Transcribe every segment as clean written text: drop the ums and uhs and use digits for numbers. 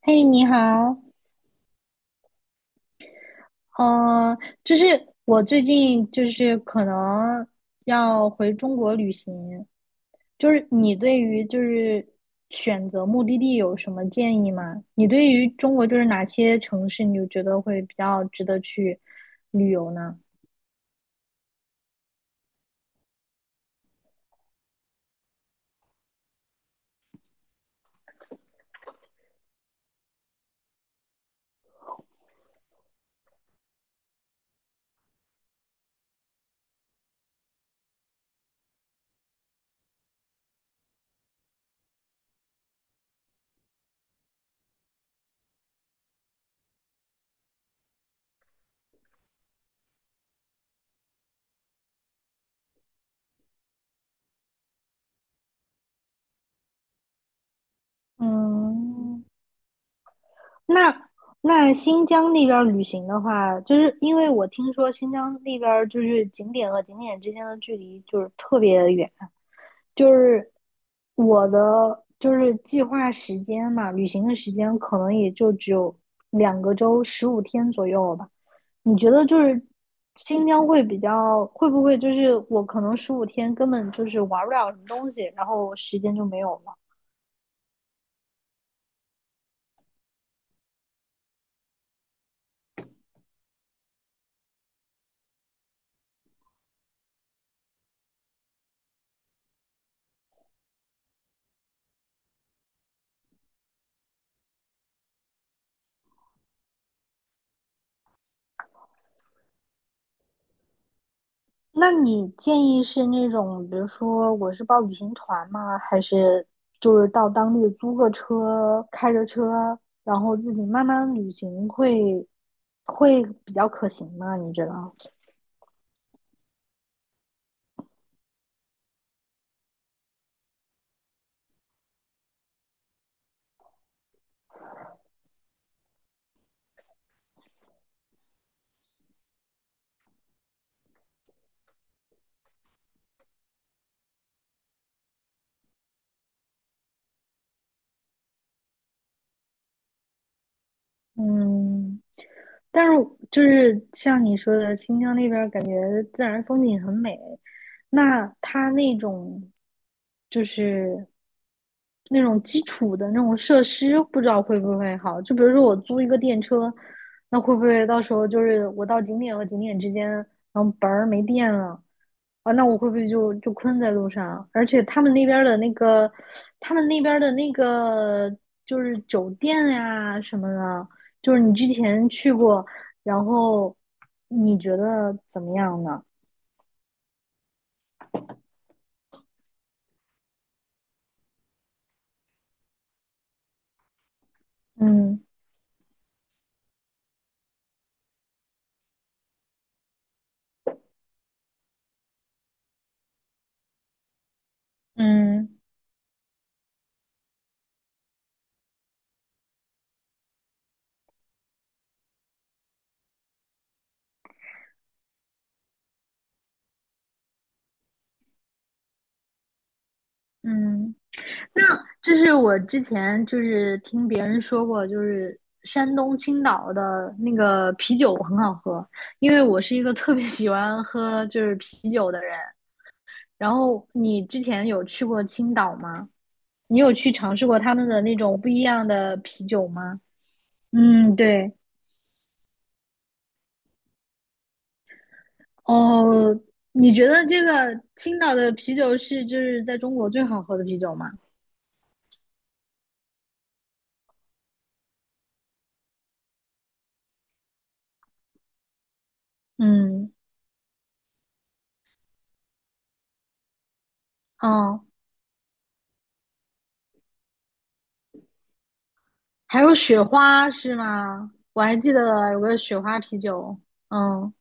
嘿，你好，嗯、呃，就是我最近就是可能要回中国旅行，就是你对于就是选择目的地有什么建议吗？你对于中国就是哪些城市你就觉得会比较值得去旅游呢？嗯。那那新疆那边儿旅行的话，就是因为我听说新疆那边儿就是景点和景点之间的距离就是特别远，就是我的就是计划时间嘛，旅行的时间可能也就只有2个周十五天左右了吧。你觉得就是新疆会比较会不会就是我可能十五天根本就是玩不了什么东西，然后时间就没有了？那你建议是那种，比如说我是报旅行团吗？还是就是到当地租个车，开着车，然后自己慢慢旅行会比较可行吗？你觉得？嗯，但是就是像你说的，新疆那边儿感觉自然风景很美，那它那种就是那种基础的那种设施，不知道会不会好。就比如说我租一个电车，那会不会到时候就是我到景点和景点之间，然后本儿没电了啊？那我会不会就困在路上？而且他们那边儿的那个就是酒店呀、什么的，就是你之前去过，然后你觉得怎么样呢？嗯嗯嗯。那这是我之前就是听别人说过，就是山东青岛的那个啤酒很好喝，因为我是一个特别喜欢喝就是啤酒的人。然后你之前有去过青岛吗？你有去尝试过他们的那种不一样的啤酒吗？嗯，对。哦，你觉得这个青岛的啤酒是就是在中国最好喝的啤酒吗？嗯。哦，还有雪花是吗？我还记得有个雪花啤酒。嗯，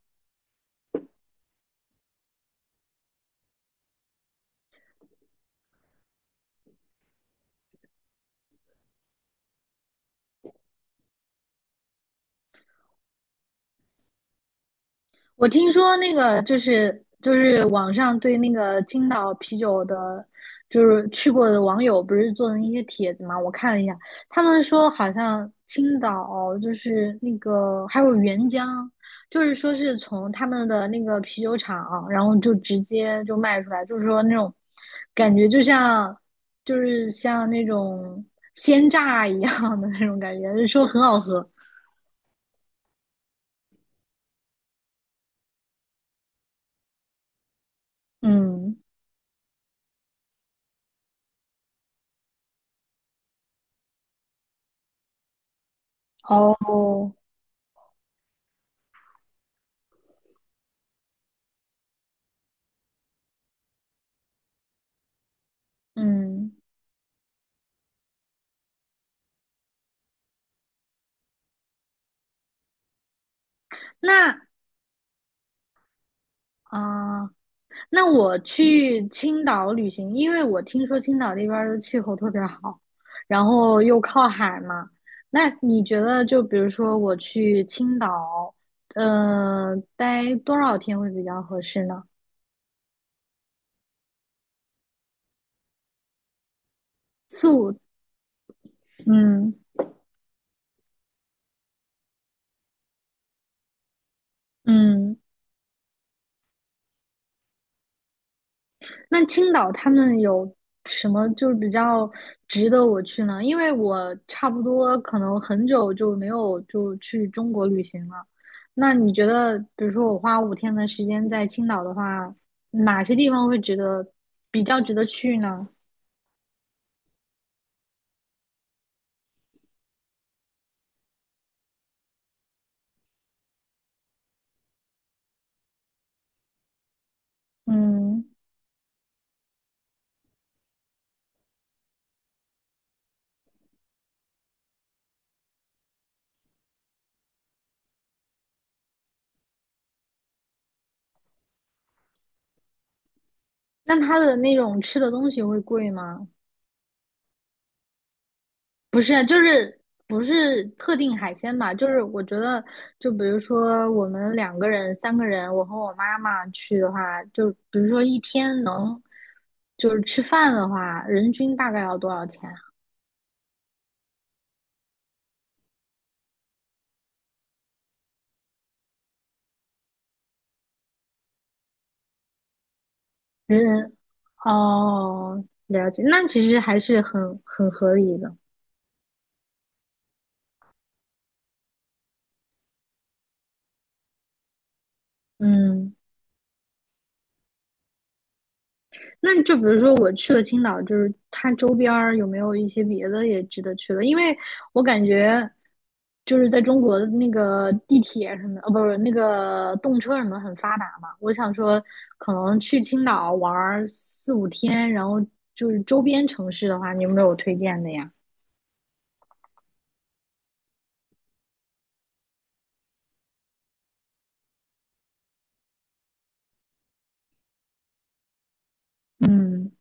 我听说那个就是就是网上对那个青岛啤酒的，就是去过的网友不是做的那些帖子嘛，我看了一下，他们说好像青岛就是那个还有原浆，就是说是从他们的那个啤酒厂，然后就直接就卖出来，就是说那种感觉就像就是像那种鲜榨一样的那种感觉，就说很好喝。嗯。哦。嗯。那啊，那我去青岛旅行，因为我听说青岛那边儿的气候特别好，然后又靠海嘛。那你觉得，就比如说我去青岛，待多少天会比较合适呢？四五。嗯嗯。那青岛他们有什么就是比较值得我去呢？因为我差不多可能很久就没有就去中国旅行了。那你觉得，比如说我花五天的时间在青岛的话，哪些地方会值得比较值得去呢？嗯。那它的那种吃的东西会贵吗？不是，就是不是特定海鲜吧？就是我觉得，就比如说我们2个人、3个人，我和我妈妈去的话，就比如说一天能就是吃饭的话，人均大概要多少钱啊人人哦，了解，那其实还是很合理的。嗯。那就比如说我去了青岛，就是它周边儿有没有一些别的也值得去的？因为我感觉就是在中国的那个地铁什么的，哦，不是那个动车什么很发达嘛。我想说，可能去青岛玩儿4、5天，然后就是周边城市的话，你有没有推荐的呀？嗯。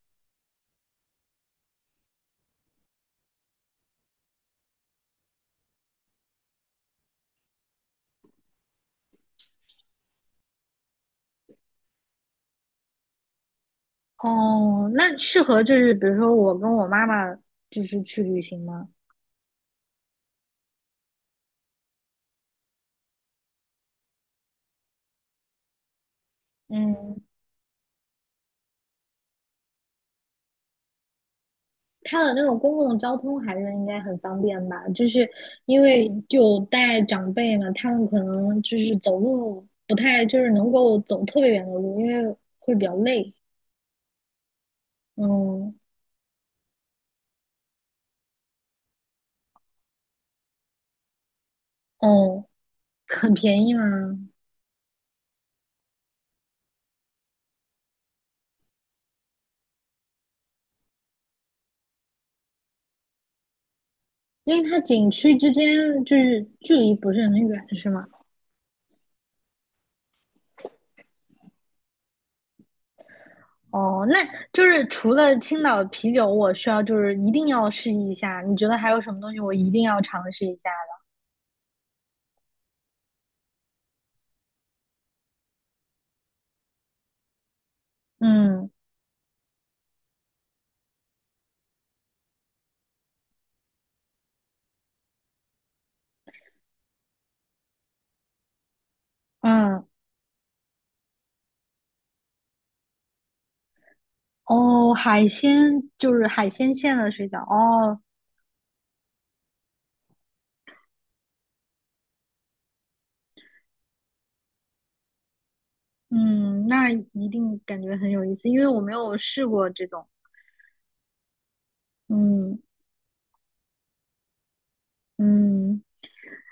哦，那适合就是比如说我跟我妈妈就是去旅行吗？嗯它的那种公共交通还是应该很方便吧？就是因为有带长辈嘛，他们可能就是走路不太就是能够走特别远的路，因为会比较累。嗯。哦，很便宜吗？因为它景区之间就是距离不是很远，是吗？哦，那就是除了青岛啤酒，我需要就是一定要试一下。你觉得还有什么东西我一定要尝试一下的？嗯嗯。哦，海鲜就是海鲜馅的水饺哦。嗯，那一定感觉很有意思，因为我没有试过这种。嗯嗯，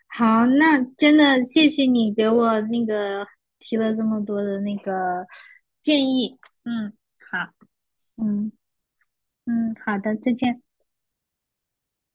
好，那真的谢谢你给我那个提了这么多的那个建议。嗯，好。嗯嗯，好的，再见。